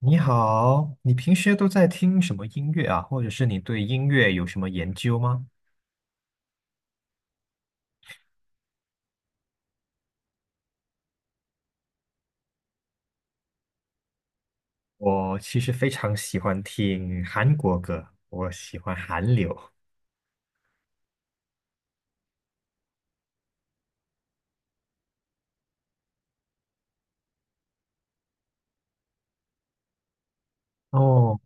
你好，你平时都在听什么音乐啊？或者是你对音乐有什么研究吗？我其实非常喜欢听韩国歌，我喜欢韩流。哦，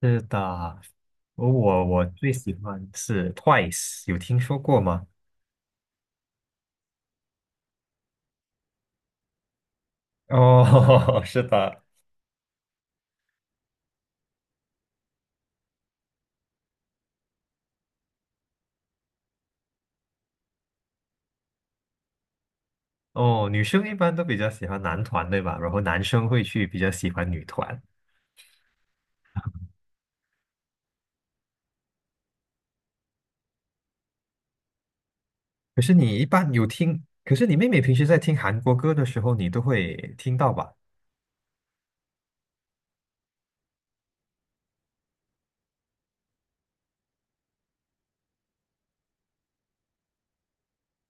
是的，我最喜欢是 Twice，有听说过吗？哦，是的。哦，女生一般都比较喜欢男团，对吧？然后男生会去比较喜欢女团。可是你一般有听，可是你妹妹平时在听韩国歌的时候，你都会听到吧？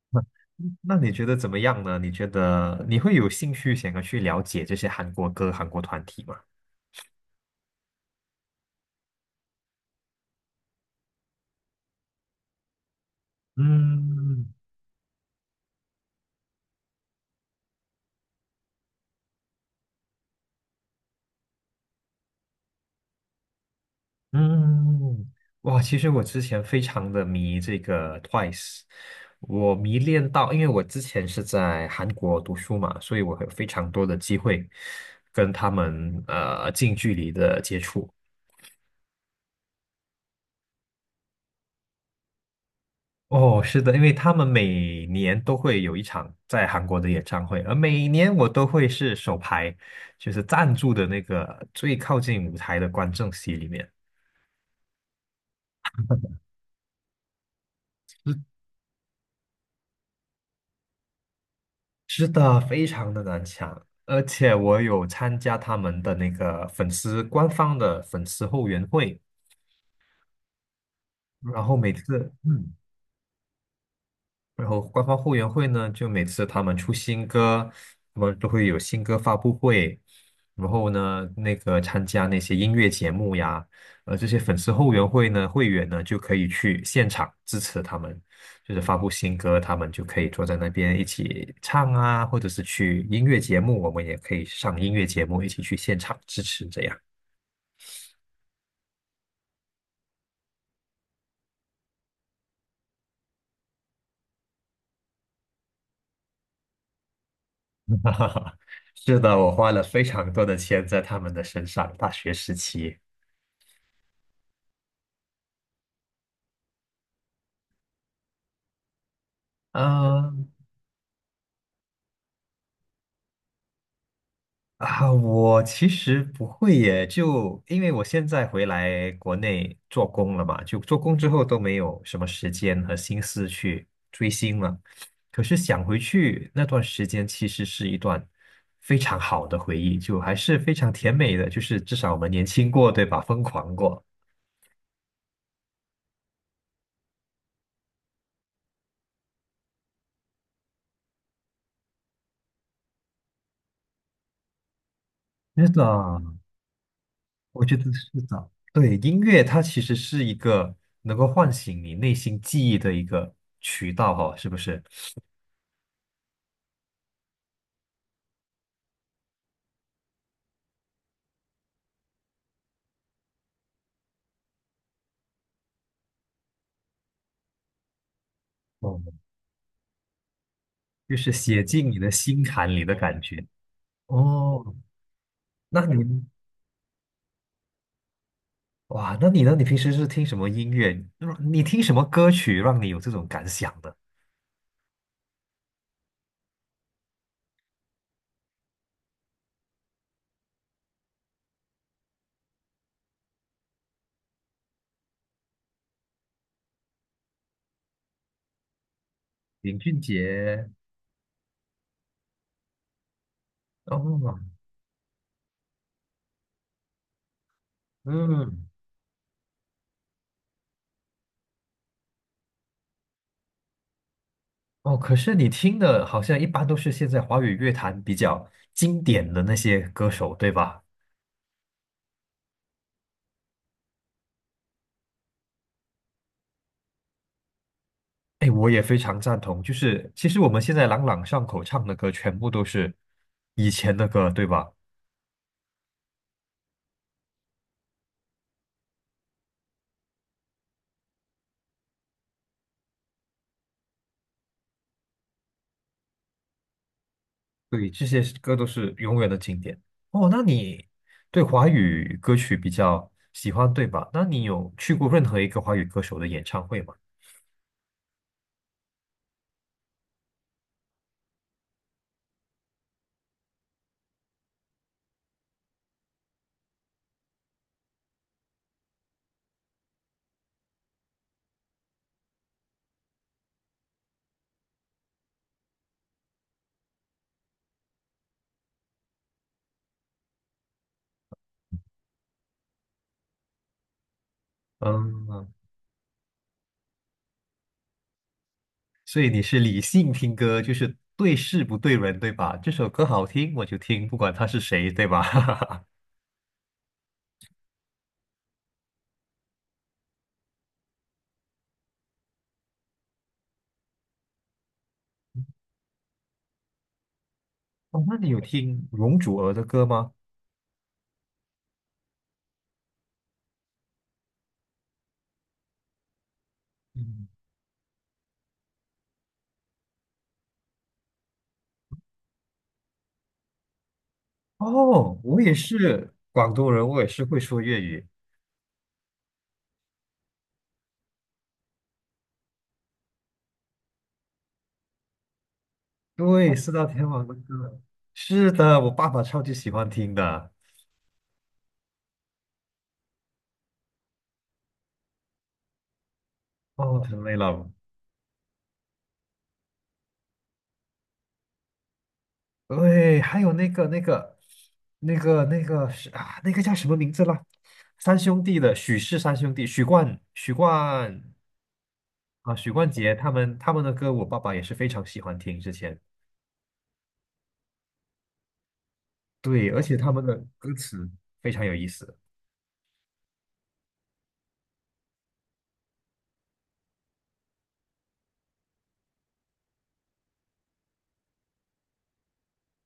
那那你觉得怎么样呢？你觉得你会有兴趣想要去了解这些韩国歌、韩国团体吗？嗯嗯，哇，其实我之前非常的迷这个 Twice，我迷恋到，因为我之前是在韩国读书嘛，所以我有非常多的机会跟他们近距离的接触。哦，是的，因为他们每年都会有一场在韩国的演唱会，而每年我都会是首排，就是赞助的那个最靠近舞台的观众席里面。是是的，非常的难抢，而且我有参加他们的那个粉丝官方的粉丝后援会，然后每次，嗯。然后官方后援会呢，就每次他们出新歌，他们都会有新歌发布会，然后呢，那个参加那些音乐节目呀，这些粉丝后援会呢，会员呢就可以去现场支持他们，就是发布新歌，他们就可以坐在那边一起唱啊，或者是去音乐节目，我们也可以上音乐节目一起去现场支持这样。是的，我花了非常多的钱在他们的身上，大学时期。嗯。啊，我其实不会耶，就因为我现在回来国内做工了嘛，就做工之后都没有什么时间和心思去追星了。可是想回去那段时间，其实是一段非常好的回忆，就还是非常甜美的，就是至少我们年轻过，对吧？疯狂过。是的，我觉得是的。对，音乐它其实是一个能够唤醒你内心记忆的一个渠道哈，是不是？嗯。就是写进你的心坎里的感觉。哦，那你哇，那你呢？你平时是听什么音乐？你听什么歌曲让你有这种感想的？林俊杰。哦，嗯，哦，可是你听的好像一般都是现在华语乐坛比较经典的那些歌手，对吧？哎，我也非常赞同。就是其实我们现在朗朗上口唱的歌，全部都是以前的歌，对吧？对，这些歌都是永远的经典。哦，那你对华语歌曲比较喜欢，对吧？那你有去过任何一个华语歌手的演唱会吗？嗯，所以你是理性听歌，就是对事不对人，对吧？这首歌好听我就听，不管他是谁，对吧？哦，那你有听容祖儿的歌吗？嗯，哦，我也是广东人，我也是会说粤语。对，四大天王的歌，是的，我爸爸超级喜欢听的。哦，太累了，对，还有那个是啊，那个叫什么名字了？三兄弟的许氏三兄弟，许冠杰他们的歌，我爸爸也是非常喜欢听。之前对，而且他们的歌词非常有意思。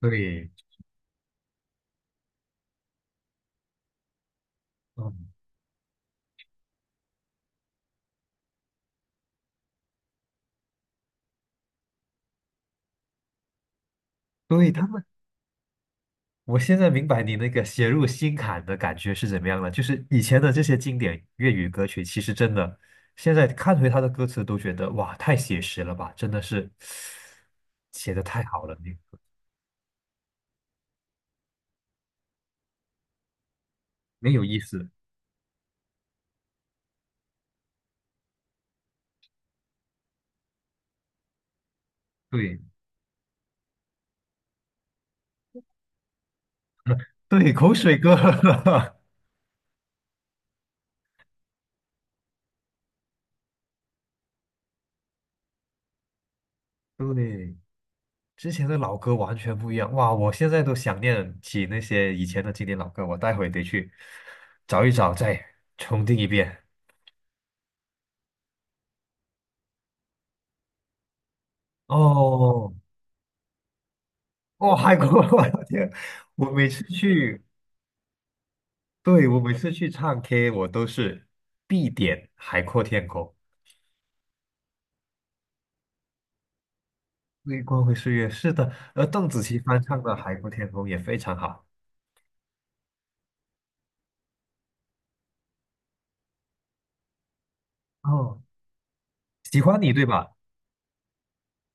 对，嗯，对他们。我现在明白你那个写入心坎的感觉是怎么样了。就是以前的这些经典粤语歌曲，其实真的，现在看回它的歌词都觉得哇，太写实了吧，真的是写的太好了，你没有意思。对对，口水歌，对，之前的老歌完全不一样。哇，我现在都想念起那些以前的经典老歌，我待会得去找一找，再重听一遍。哦，哦，韩国，我的天！我每次去。对，我每次去唱 K，我都是必点《海阔天空》，微光会岁月。是的，而邓紫棋翻唱的《海阔天空》也非常好。哦，喜欢你对吧？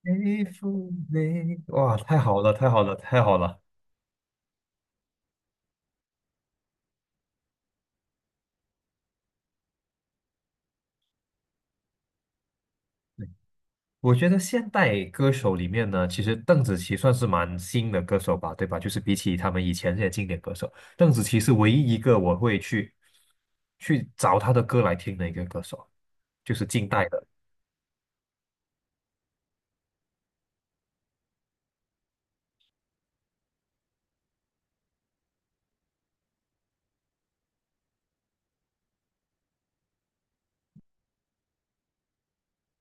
微风微哇，太好了，太好了，太好了！对我觉得现代歌手里面呢，其实邓紫棋算是蛮新的歌手吧，对吧？就是比起他们以前这些经典歌手，邓紫棋是唯一一个我会去找她的歌来听的一个歌手，就是近代的。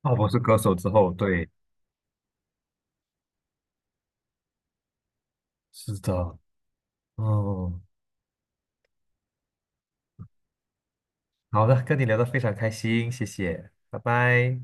鲍勃是歌手之后，对。是的，嗯，好的，跟你聊的非常开心，谢谢，拜拜。